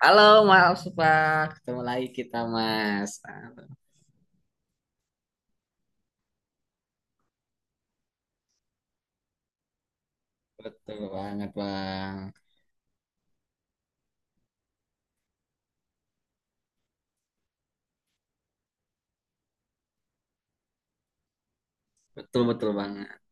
Halo Mas Pak, ketemu lagi kita Mas. Betul banget Bang, betul betul banget.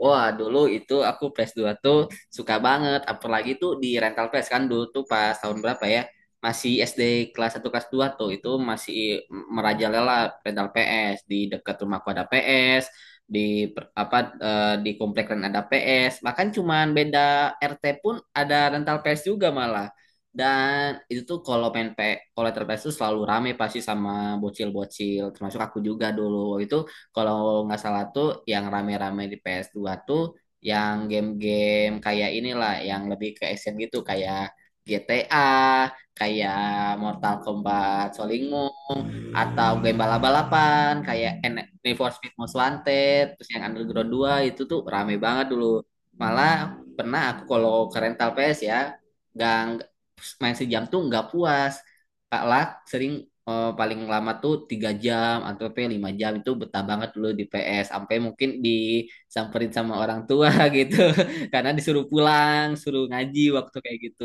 Wah, dulu itu aku PS 2 tuh suka banget. Apalagi tuh di rental PS kan dulu tuh pas tahun berapa ya? Masih SD kelas satu kelas 2 tuh itu masih merajalela rental PS. Di dekat rumahku ada PS, di per- apa eh, di komplek lain ada PS. Bahkan cuman beda RT pun ada rental PS juga malah. Dan itu tuh kalau main P, kalau rental PS tuh selalu rame pasti sama bocil-bocil termasuk aku juga dulu. Itu kalau nggak salah tuh yang rame-rame di PS2 tuh yang game-game kayak inilah yang lebih ke action gitu kayak GTA, kayak Mortal Kombat Solingwo atau game balap-balapan kayak Need for Speed Most Wanted terus yang Underground dua itu tuh rame banget dulu, malah pernah aku kalau ke rental PS ya nggak main sejam tuh nggak puas Kak Lak sering, paling lama tuh 3 jam atau sampai 5 jam itu betah banget dulu di PS sampai mungkin disamperin sama orang tua gitu karena disuruh pulang suruh ngaji waktu kayak gitu.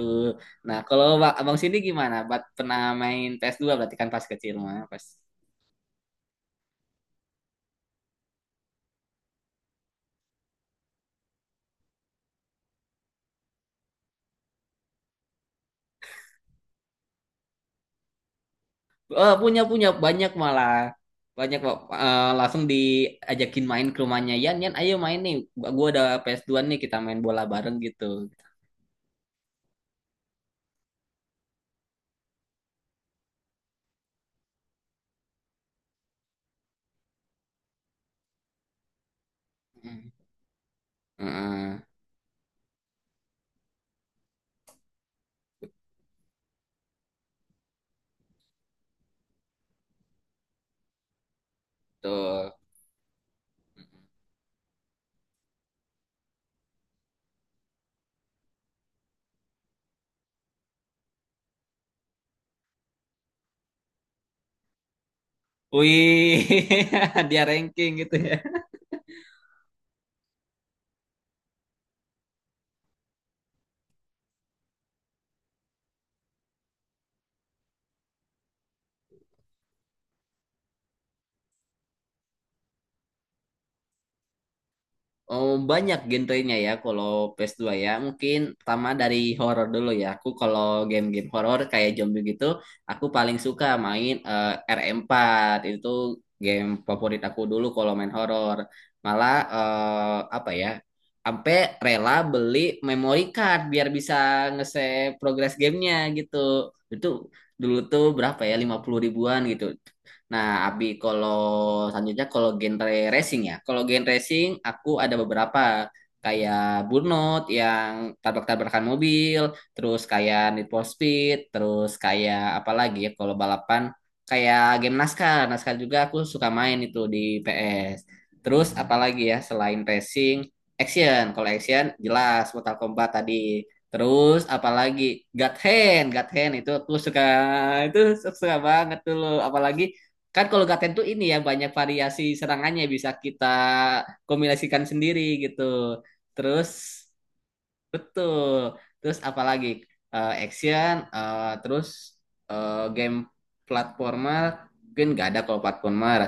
Nah, kalau abang sini gimana? Bat pernah main PS2 berarti kan pas kecil mah, pas. Oh, punya punya banyak malah. Banyak Bang. Langsung diajakin main ke rumahnya. Yan, Yan, ayo main nih. Gua ada PS2 nih, kita main bola bareng gitu. Heeh. Tuh. Wih, dia ranking gitu ya. Oh, banyak genrenya ya kalau ps dua ya. Mungkin pertama dari horor dulu ya. Aku kalau game-game horor kayak zombie gitu, aku paling suka main, RM4. Itu game favorit aku dulu kalau main horor. Malah, apa ya? Sampai rela beli memory card biar bisa nge-save progress gamenya gitu. Itu dulu tuh berapa ya? 50 ribuan gitu. Nah, Abi, kalau selanjutnya kalau genre racing ya. Kalau genre racing, aku ada beberapa. Kayak Burnout yang tabrak-tabrakan mobil, terus kayak Need for Speed, terus kayak apa lagi ya kalau balapan. Kayak game NASCAR. NASCAR juga aku suka main itu di PS. Terus apa lagi ya selain racing, action. Kalau action jelas Mortal Kombat tadi. Terus apalagi God Hand, God Hand itu aku suka itu suka banget tuh loh. Apalagi kan kalau Gaten tuh ini ya banyak variasi serangannya bisa kita kombinasikan sendiri gitu. Terus betul. Terus apalagi, terus, game platformer mungkin nggak ada kalau platformer.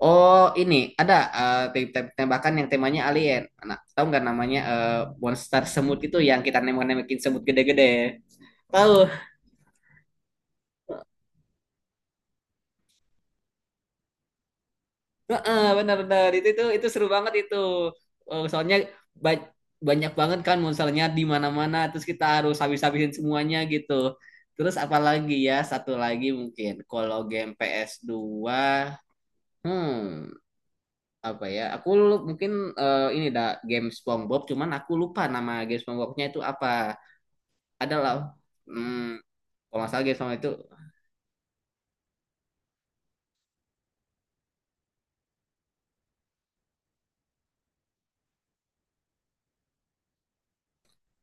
Oh ini ada, tembakan yang temanya alien. Nah, tahu nggak namanya, monster semut itu yang kita nembak-nembakin semut gede-gede? Tahu. Heeh, benar-benar itu seru banget itu. Soalnya ba- banyak banget kan monsternya di mana-mana terus kita harus habis-habisin semuanya gitu. Terus apalagi ya satu lagi mungkin kalau game ps dua, hmm apa ya? Aku mungkin, ini dah game SpongeBob cuman aku lupa nama game SpongeBobnya itu apa. Adalah, hmm, kalau nggak salah game SpongeBob itu,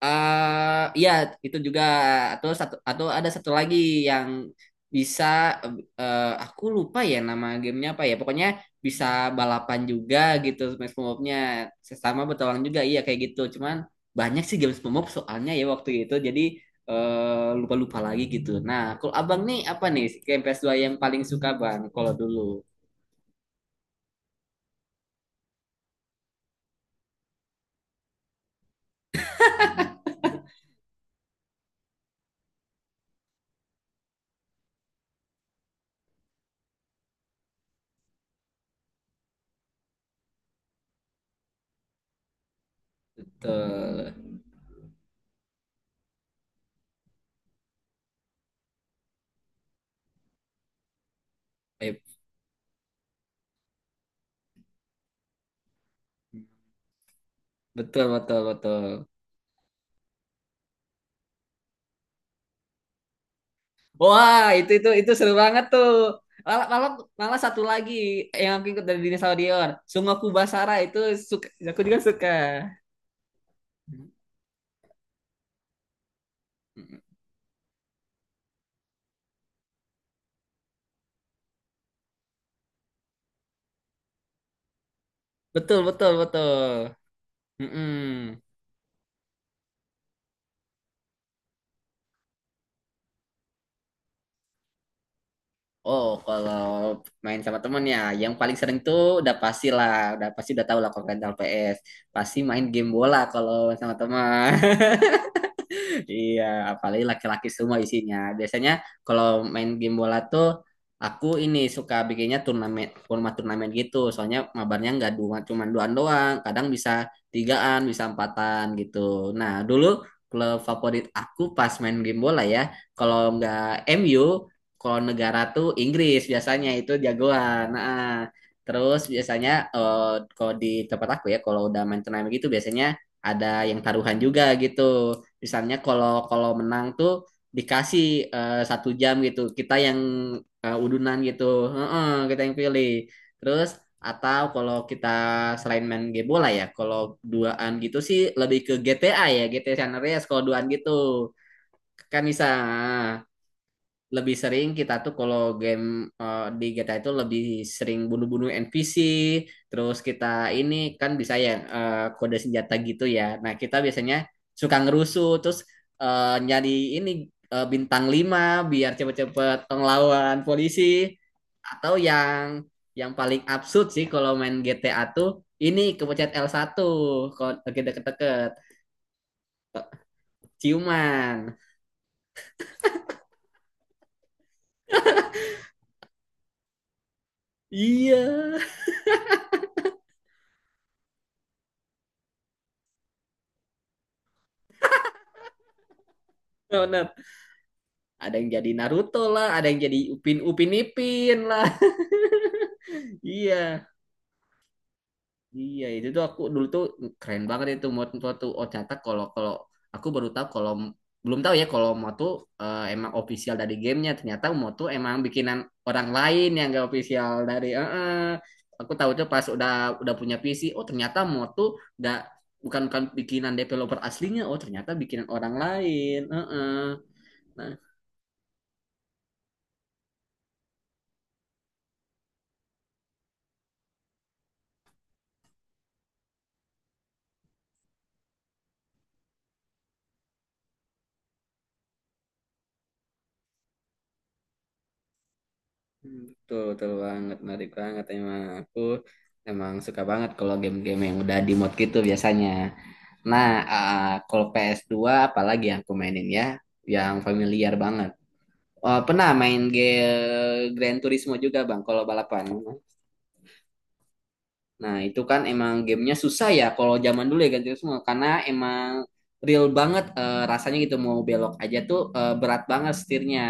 iya itu juga atau satu atau ada satu lagi yang bisa, aku lupa ya nama gamenya apa ya pokoknya bisa balapan juga gitu Smash nya sama bertualang juga iya kayak gitu cuman banyak sih game SpongeBob soalnya ya waktu itu jadi, lupa-lupa lagi gitu. Nah, kalau abang nih apa nih game ps dua yang paling suka bang kalau dulu? Betul. Eh, betul betul betul. Wah, itu seru banget tuh. Malah, malah, malah satu lagi yang aku ikut dari Dinosaurion, Sungoku Basara itu suka, aku juga suka. Betul, betul, betul. Mm-mm. Oh, kalau main sama temen ya, yang paling sering tuh udah pasti lah, udah pasti udah tahu lah kalau rental PS. Pasti main game bola kalau main sama teman. Iya, apalagi laki-laki semua isinya. Biasanya kalau main game bola tuh aku ini suka bikinnya turnamen, format turnamen gitu. Soalnya mabarnya nggak dua, cuman duaan doang. Kadang bisa tigaan, bisa empatan gitu. Nah, dulu klub favorit aku pas main game bola ya, kalau nggak MU, kalau negara tuh Inggris biasanya itu jagoan. Nah, terus biasanya, eh, kalau di tempat aku ya, kalau udah main turnamen gitu biasanya ada yang taruhan juga gitu misalnya kalau kalau menang tuh dikasih, 1 jam gitu kita yang, udunan gitu. Heeh, kita yang pilih, terus atau kalau kita selain main game bola ya kalau duaan gitu sih lebih ke GTA ya GTA San Andreas kalau duaan gitu kan bisa lebih sering kita tuh kalau game, di GTA itu lebih sering bunuh-bunuh NPC terus kita ini kan bisa ya, kode senjata gitu ya nah kita biasanya suka ngerusuh terus, nyari ini, bintang 5 biar cepet-cepet ngelawan polisi atau yang paling absurd sih kalau main GTA tuh ini kepencet L1 kalau kita deket-deket ciuman iya. Benar, ada yang jadi Naruto lah, ada yang jadi Upin Upin Ipin lah. Iya, iya itu tuh aku dulu tuh keren banget itu moto-moto tuh. Oh ternyata kalau kalau aku baru tahu kalau belum tahu ya kalau moto tuh, emang official dari gamenya ternyata moto emang bikinan orang lain yang gak official dari, aku tahu tuh pas udah punya PC oh ternyata moto gak, bukan bukan bikinan developer aslinya oh ternyata bikinan orang lain, Nah, hmm, betul, betul banget, menarik banget emang. Aku emang suka banget kalau game-game yang udah di mod gitu biasanya. Nah, ah, kalau ps dua apalagi yang aku mainin ya, yang familiar banget. Oh, pernah main game Gran Turismo juga Bang, kalau balapan. Nah, itu kan emang gamenya susah ya kalau zaman dulu ya ganti semua karena emang real banget, rasanya gitu mau belok aja tuh, berat banget setirnya.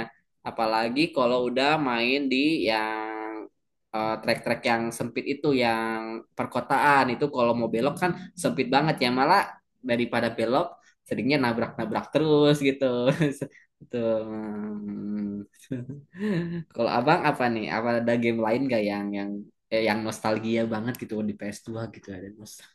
Apalagi kalau udah main di yang, trek-trek yang sempit itu yang perkotaan itu kalau mau belok kan sempit banget ya malah daripada belok seringnya nabrak-nabrak terus gitu. Itu. Kalau abang apa nih? Apa ada game lain gak yang yang nostalgia banget gitu di ps dua gitu ada nostalgia.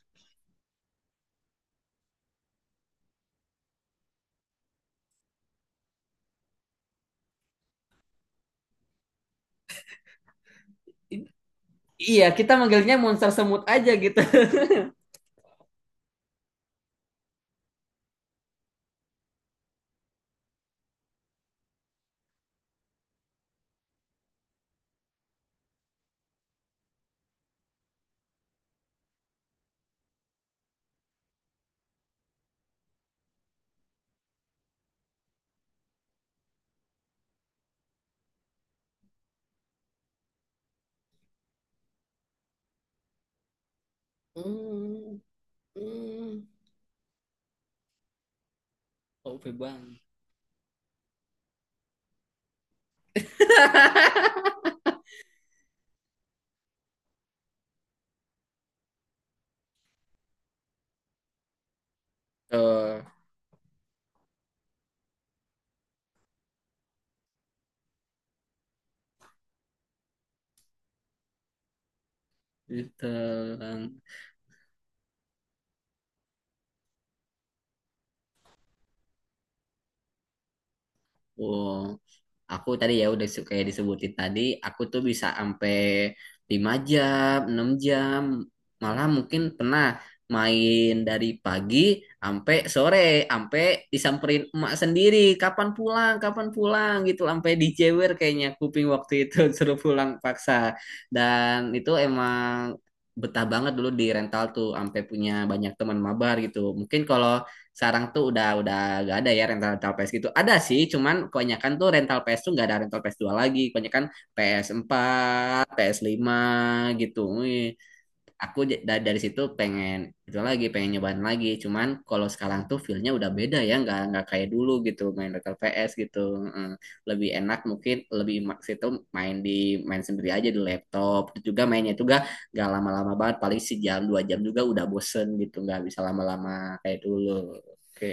Iya, kita manggilnya Monster Semut aja gitu. Hmm, hmm, OP bang. Tuh, gitu. Oh, aku tadi ya udah, kayak disebutin tadi, aku tuh bisa sampai 5 jam, 6 jam, malah mungkin pernah main dari pagi sampai sore, sampai disamperin emak sendiri, kapan pulang gitu, sampai dijewer kayaknya kuping waktu itu suruh pulang paksa. Dan itu emang betah banget dulu di rental tuh, sampai punya banyak teman mabar gitu. Mungkin kalau sekarang tuh udah gak ada ya rental rental PS gitu. Ada sih, cuman kebanyakan tuh rental PS tuh gak ada rental ps dua lagi. Kebanyakan PS4, ps lima gitu. Wih aku dari situ pengen itu lagi pengen nyobain lagi cuman kalau sekarang tuh feel-nya udah beda ya nggak kayak dulu gitu main Battle PS gitu. Mm, lebih enak mungkin lebih maks itu main di main sendiri aja di laptop. Terus juga mainnya juga nggak lama-lama banget paling sejam 2 jam juga udah bosen gitu nggak bisa lama-lama kayak dulu. Oke,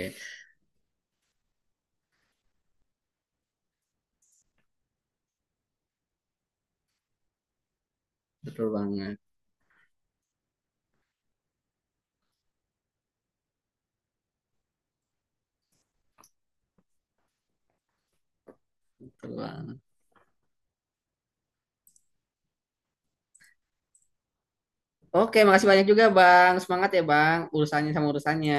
betul banget betul banget. Oke, makasih banyak juga bang semangat ya bang urusannya sama urusannya